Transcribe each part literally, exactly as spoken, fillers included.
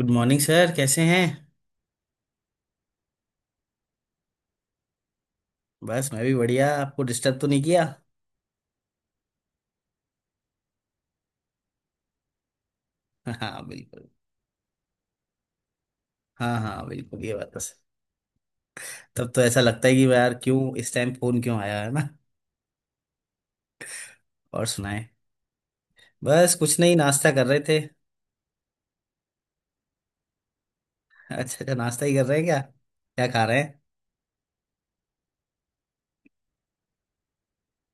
Good morning sir, कैसे हैं। बस मैं भी बढ़िया, आपको डिस्टर्ब तो नहीं किया। हाँ बिल्कुल। हाँ हाँ बिल्कुल, ये बात तो सर। तब तो ऐसा लगता है कि यार क्यों इस टाइम फोन क्यों आया है ना। और सुनाए, बस कुछ नहीं, नाश्ता कर रहे थे। अच्छा अच्छा, नाश्ता ही कर रहे हैं क्या, क्या खा रहे हैं।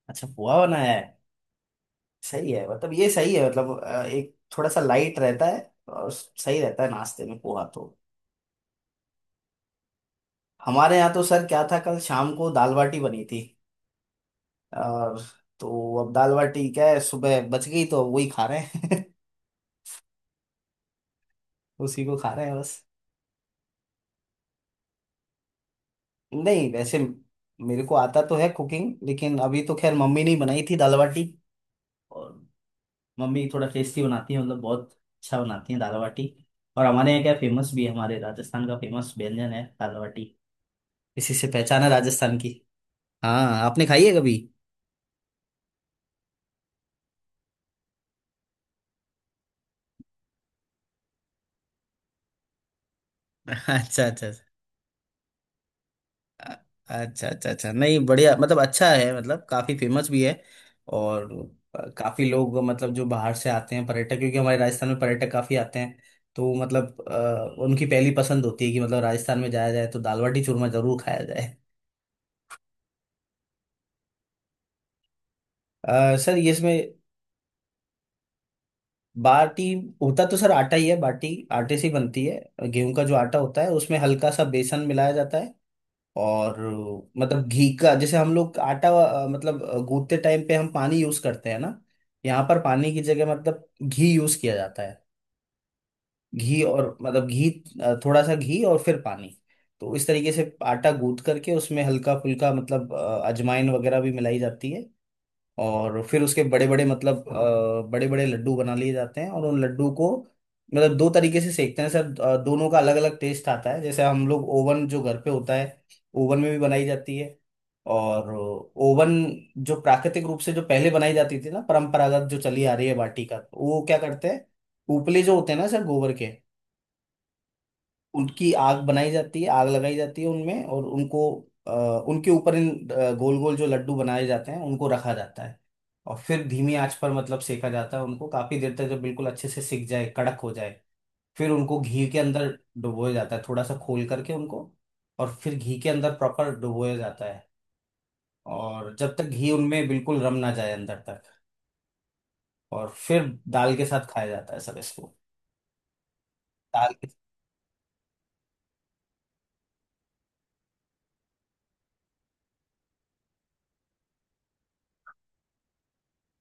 अच्छा, पोहा बनाया है। सही है, मतलब ये सही है मतलब, अ, एक थोड़ा सा लाइट रहता है और सही रहता है नाश्ते में पोहा तो। हमारे यहाँ तो सर क्या था, कल शाम को दाल बाटी बनी थी और तो अब दाल बाटी क्या है, सुबह बच गई तो वही खा रहे हैं। उसी को खा रहे हैं बस। नहीं वैसे मेरे को आता तो है कुकिंग, लेकिन अभी तो खैर मम्मी ने ही बनाई थी दाल बाटी। और मम्मी थोड़ा टेस्टी बनाती है, मतलब बहुत अच्छा बनाती है दाल बाटी। और हमारे यहाँ क्या फेमस भी है, हमारे राजस्थान का फेमस व्यंजन है दाल बाटी, इसी से पहचान है राजस्थान की। हाँ, आपने खाई है कभी। अच्छा अच्छा। अ- अच्छा अच्छा अच्छा, नहीं बढ़िया, मतलब अच्छा है मतलब काफी फेमस भी है और अ, काफी लोग, मतलब जो बाहर से आते हैं पर्यटक, क्योंकि हमारे राजस्थान में पर्यटक काफी आते हैं, तो मतलब अ, उनकी पहली पसंद होती है कि मतलब राजस्थान में जाया जाए तो दाल बाटी चूरमा जरूर खाया जाए। अ, सर ये इसमें बाटी होता तो सर आटा ही है, बाटी आटे से ही बनती है। गेहूं का जो आटा होता है उसमें हल्का सा बेसन मिलाया जाता है, और मतलब घी का, जैसे हम लोग आटा अ, मतलब अ, गूंथते टाइम पे हम पानी यूज करते हैं ना, यहाँ पर पानी की जगह मतलब घी यूज किया जाता है। घी, और मतलब घी अ, थोड़ा सा घी और फिर पानी। तो इस तरीके से आटा गूंथ करके उसमें हल्का फुल्का मतलब अ, अजवाइन वगैरह भी मिलाई जाती है। और फिर उसके बड़े बड़े मतलब बड़े बड़े लड्डू बना लिए जाते हैं, और उन लड्डू को मतलब दो तरीके से सेकते हैं सर। अ, दोनों का अलग अलग टेस्ट आता है। जैसे हम लोग ओवन जो घर पे होता है, ओवन में भी बनाई जाती है। और ओवन जो प्राकृतिक रूप से जो पहले बनाई जाती थी ना, परंपरागत जो चली आ रही है बाटी का, वो क्या करते हैं, उपले जो होते हैं ना सर गोबर के, उनकी आग बनाई जाती है, आग लगाई जाती है उनमें, और उनको अ, उनके ऊपर इन गोल गोल जो लड्डू बनाए जाते हैं उनको रखा जाता है, और फिर धीमी आंच पर मतलब सेका जाता है उनको काफी देर तक, जब बिल्कुल अच्छे से सिक जाए, कड़क हो जाए, फिर उनको घी के अंदर डुबोया जाता है, थोड़ा सा खोल करके उनको, और फिर घी के अंदर प्रॉपर डुबोया जाता है, और जब तक घी उनमें बिल्कुल रम ना जाए अंदर तक, और फिर दाल के साथ खाया जाता है सर इसको। दाल,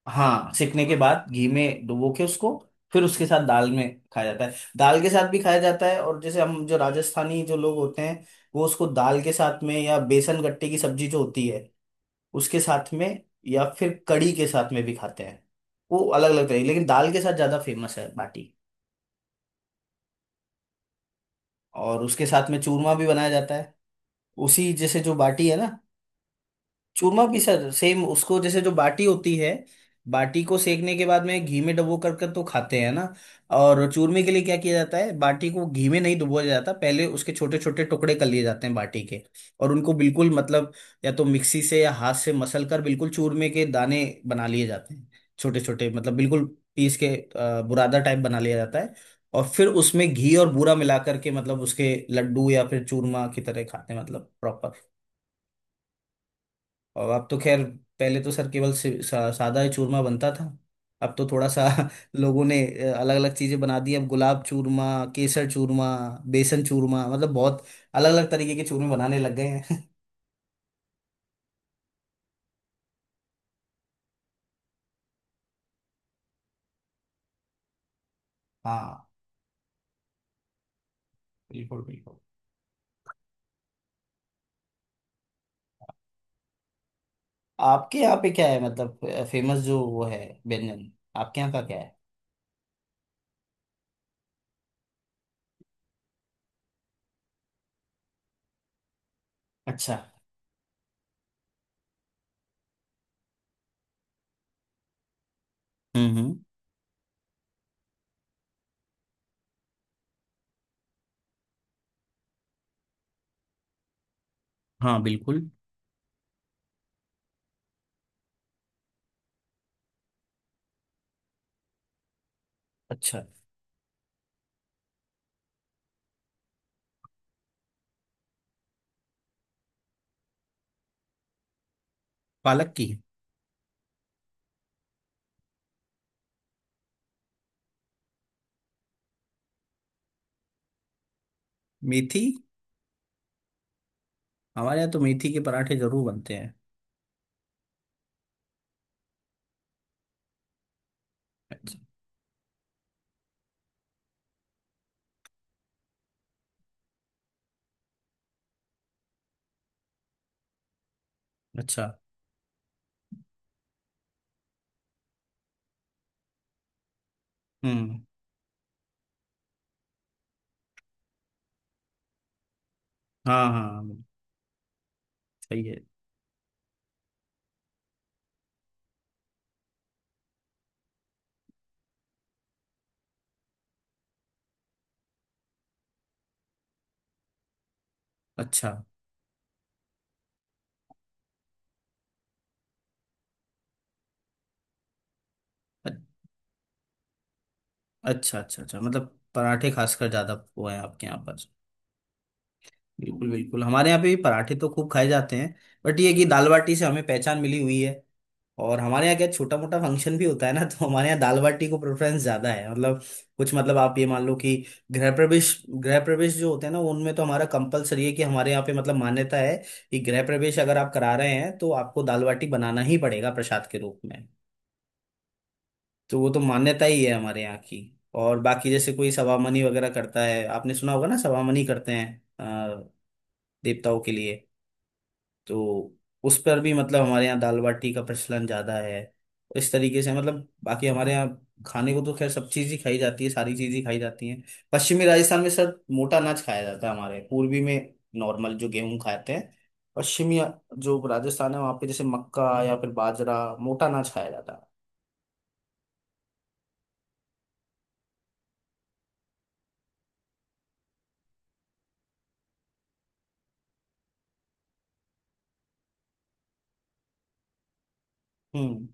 हाँ, सिकने के बाद घी में डुबो के उसको फिर उसके साथ दाल में खाया जाता है, दाल के साथ भी खाया जाता है। और जैसे हम जो राजस्थानी जो लोग होते हैं, वो उसको दाल के साथ में या बेसन गट्टे की सब्जी जो होती है उसके साथ में या फिर कड़ी के साथ में भी खाते हैं। वो अलग अलग तरह, लेकिन दाल के साथ ज्यादा फेमस है बाटी। और उसके साथ में चूरमा भी बनाया जाता है, उसी जैसे जो बाटी है ना। चूरमा पिसा, सेम उसको, जैसे जो बाटी होती है, बाटी को सेकने के बाद में घी में डुबो कर कर तो खाते हैं ना, और चूरमे के लिए क्या किया जाता है, बाटी को घी में नहीं डुबोया जाता, पहले उसके छोटे छोटे टुकड़े कर लिए जाते हैं बाटी के, और उनको बिल्कुल मतलब, या तो मिक्सी से या हाथ से मसल कर बिल्कुल चूरमे के दाने बना लिए जाते हैं, छोटे छोटे मतलब बिल्कुल पीस के, अ, बुरादा टाइप बना लिया जाता है। और फिर उसमें घी और बूरा मिला करके मतलब उसके लड्डू या फिर चूरमा की तरह खाते हैं मतलब। और अब तो खैर, पहले तो सर केवल सि- सा, सादा ही चूरमा बनता था, अब तो थोड़ा सा लोगों ने अलग अलग चीजें बना दी। अब गुलाब चूरमा, केसर चूरमा, बेसन चूरमा, मतलब बहुत अलग अलग तरीके के चूरमे बनाने लग गए हैं। हाँ बिल्कुल बिल्कुल। आपके यहाँ पे क्या है मतलब फेमस जो वो है व्यंजन, आपके यहाँ का क्या है। अच्छा। हम्म हम्म। हाँ बिल्कुल। अच्छा। पालक की। मेथी, हमारे यहाँ तो मेथी के पराठे जरूर बनते हैं। अच्छा अच्छा। हम्म। हाँ हाँ हाँ, सही है। अच्छा। अ- अच्छा अच्छा अच्छा, मतलब पराठे खासकर ज्यादा वो है आपके यहाँ पर। बिल्कुल बिल्कुल, हमारे यहाँ पे भी पराठे तो खूब खाए जाते हैं, बट ये है कि दाल बाटी से हमें पहचान मिली हुई है, और हमारे यहाँ क्या छोटा मोटा फंक्शन भी होता है ना, तो हमारे यहाँ दाल बाटी को प्रेफरेंस ज्यादा है। मतलब कुछ मतलब आप ये मान लो कि गृह प्रवेश, गृह प्रवेश जो होते हैं ना, उनमें तो हमारा कंपलसरी है कि हमारे यहाँ पे मतलब मान्यता है कि गृह प्रवेश अगर आप करा रहे हैं तो आपको दाल बाटी बनाना ही पड़ेगा प्रसाद के रूप में। तो वो तो मान्यता ही है हमारे यहाँ की। और बाकी जैसे कोई सवामनी वगैरह करता है, आपने सुना होगा ना, सवामनी करते हैं अ, देवताओं के लिए, तो उस पर भी मतलब हमारे यहाँ दाल बाटी का प्रचलन ज्यादा है। इस तरीके से मतलब, बाकी हमारे यहाँ खाने को तो खैर सब चीज ही खाई जाती है, सारी चीज ही खाई जाती है। पश्चिमी राजस्थान में सर मोटा अनाज खाया जाता है, हमारे पूर्वी में नॉर्मल जो गेहूं खाते हैं। पश्चिमी जो राजस्थान है वहाँ पे जैसे मक्का या फिर बाजरा मोटा अनाज खाया जाता है। हम्म।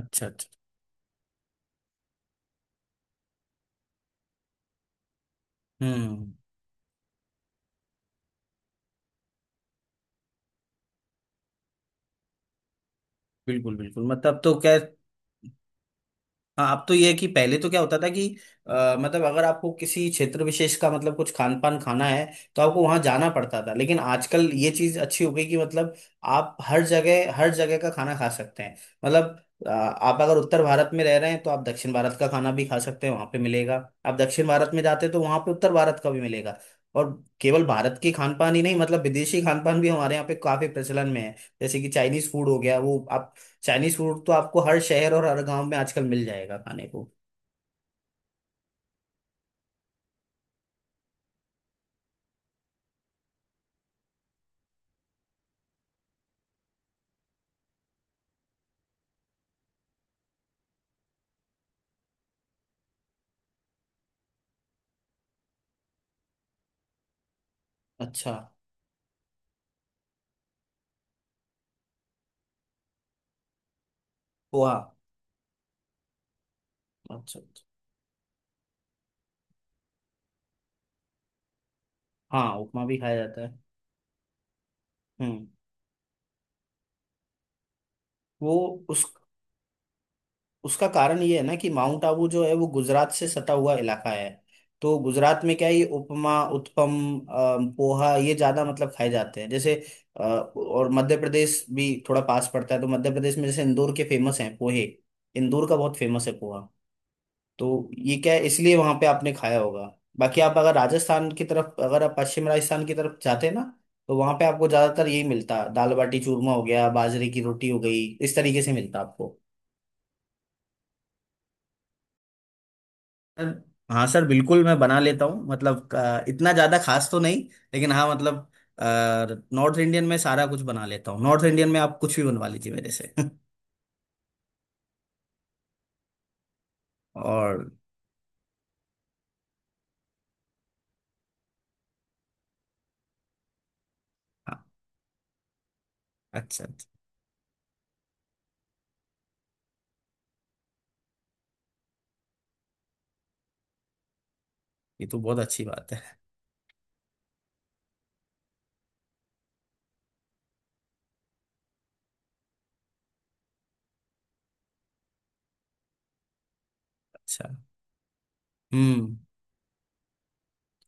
अच्छा अच्छा। हम्म। बिल्कुल बिल्कुल मतलब, तो क्या, हाँ अब तो ये है कि पहले तो क्या होता था कि अ, मतलब अगर आपको किसी क्षेत्र विशेष का मतलब कुछ खान पान खाना है तो आपको वहां जाना पड़ता था, लेकिन आजकल ये चीज अच्छी हो गई कि मतलब आप हर जगह हर जगह का खाना खा सकते हैं। मतलब अ, आप अगर उत्तर भारत में रह रहे हैं तो आप दक्षिण भारत का खाना भी खा सकते हैं, वहां पे मिलेगा। आप दक्षिण भारत में जाते हैं तो वहां पे उत्तर भारत का भी मिलेगा। और केवल भारत के खान पान ही नहीं, मतलब विदेशी खान पान भी हमारे यहाँ पे काफी प्रचलन में है। जैसे कि चाइनीज फूड हो गया वो आप, चाइनीज फूड तो आपको हर शहर और हर गांव में आजकल मिल जाएगा खाने को। अच्छा। पोहा। अच्छा अच्छा। हाँ उपमा भी खाया जाता है। हम्म। वो उस उसका कारण ये है ना कि माउंट आबू जो है वो गुजरात से सटा हुआ इलाका है, तो गुजरात में क्या है ये उपमा उत्पम अ, पोहा ये ज्यादा मतलब खाए जाते हैं। जैसे अ, और मध्य प्रदेश भी थोड़ा पास पड़ता है, तो मध्य प्रदेश में जैसे इंदौर के फेमस हैं पोहे, इंदौर का बहुत फेमस है पोहा, तो ये क्या है इसलिए वहां पे आपने खाया होगा। बाकी आप अगर राजस्थान की तरफ, अगर आप पश्चिम राजस्थान की तरफ जाते हैं ना, तो वहां पे आपको ज्यादातर यही मिलता है, दाल बाटी चूरमा हो गया, बाजरे की रोटी हो गई, इस तरीके से मिलता आपको। सर, हाँ सर बिल्कुल मैं बना लेता हूँ, मतलब अ, इतना ज्यादा खास तो नहीं, लेकिन हाँ मतलब नॉर्थ इंडियन में सारा कुछ बना लेता हूँ, नॉर्थ इंडियन में आप कुछ भी बनवा लीजिए मेरे से। और हाँ। अच्छा अच्छा, ये तो बहुत अच्छी बात है। अच्छा। हम्म।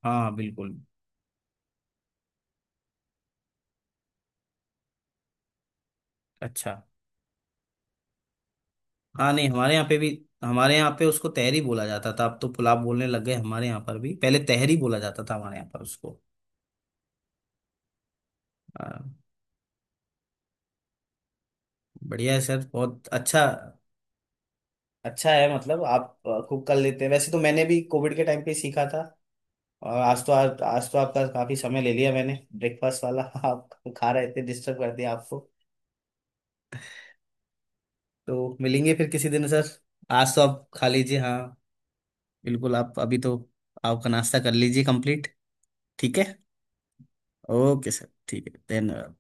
हाँ बिल्कुल। अच्छा। हाँ नहीं हमारे यहाँ पे भी, हमारे यहाँ पे उसको तहरी बोला जाता था, अब तो पुलाव बोलने लग गए हमारे यहाँ पर भी, पहले तहरी बोला जाता था हमारे यहाँ पर उसको। आ, बढ़िया है सर, बहुत अच्छा, अच्छा है मतलब आप कुक कर लेते हैं। वैसे तो मैंने भी कोविड के टाइम पे ही सीखा था। और आज तो आज, आज तो आपका काफी समय ले लिया मैंने, ब्रेकफास्ट वाला आप खा रहे थे, डिस्टर्ब कर दिया आपको। तो मिलेंगे फिर किसी दिन सर। आज तो आप खा लीजिए, हाँ बिल्कुल, आप अभी तो आपका नाश्ता कर लीजिए कंप्लीट। ठीक है। ओके सर, ठीक है, धन्यवाद।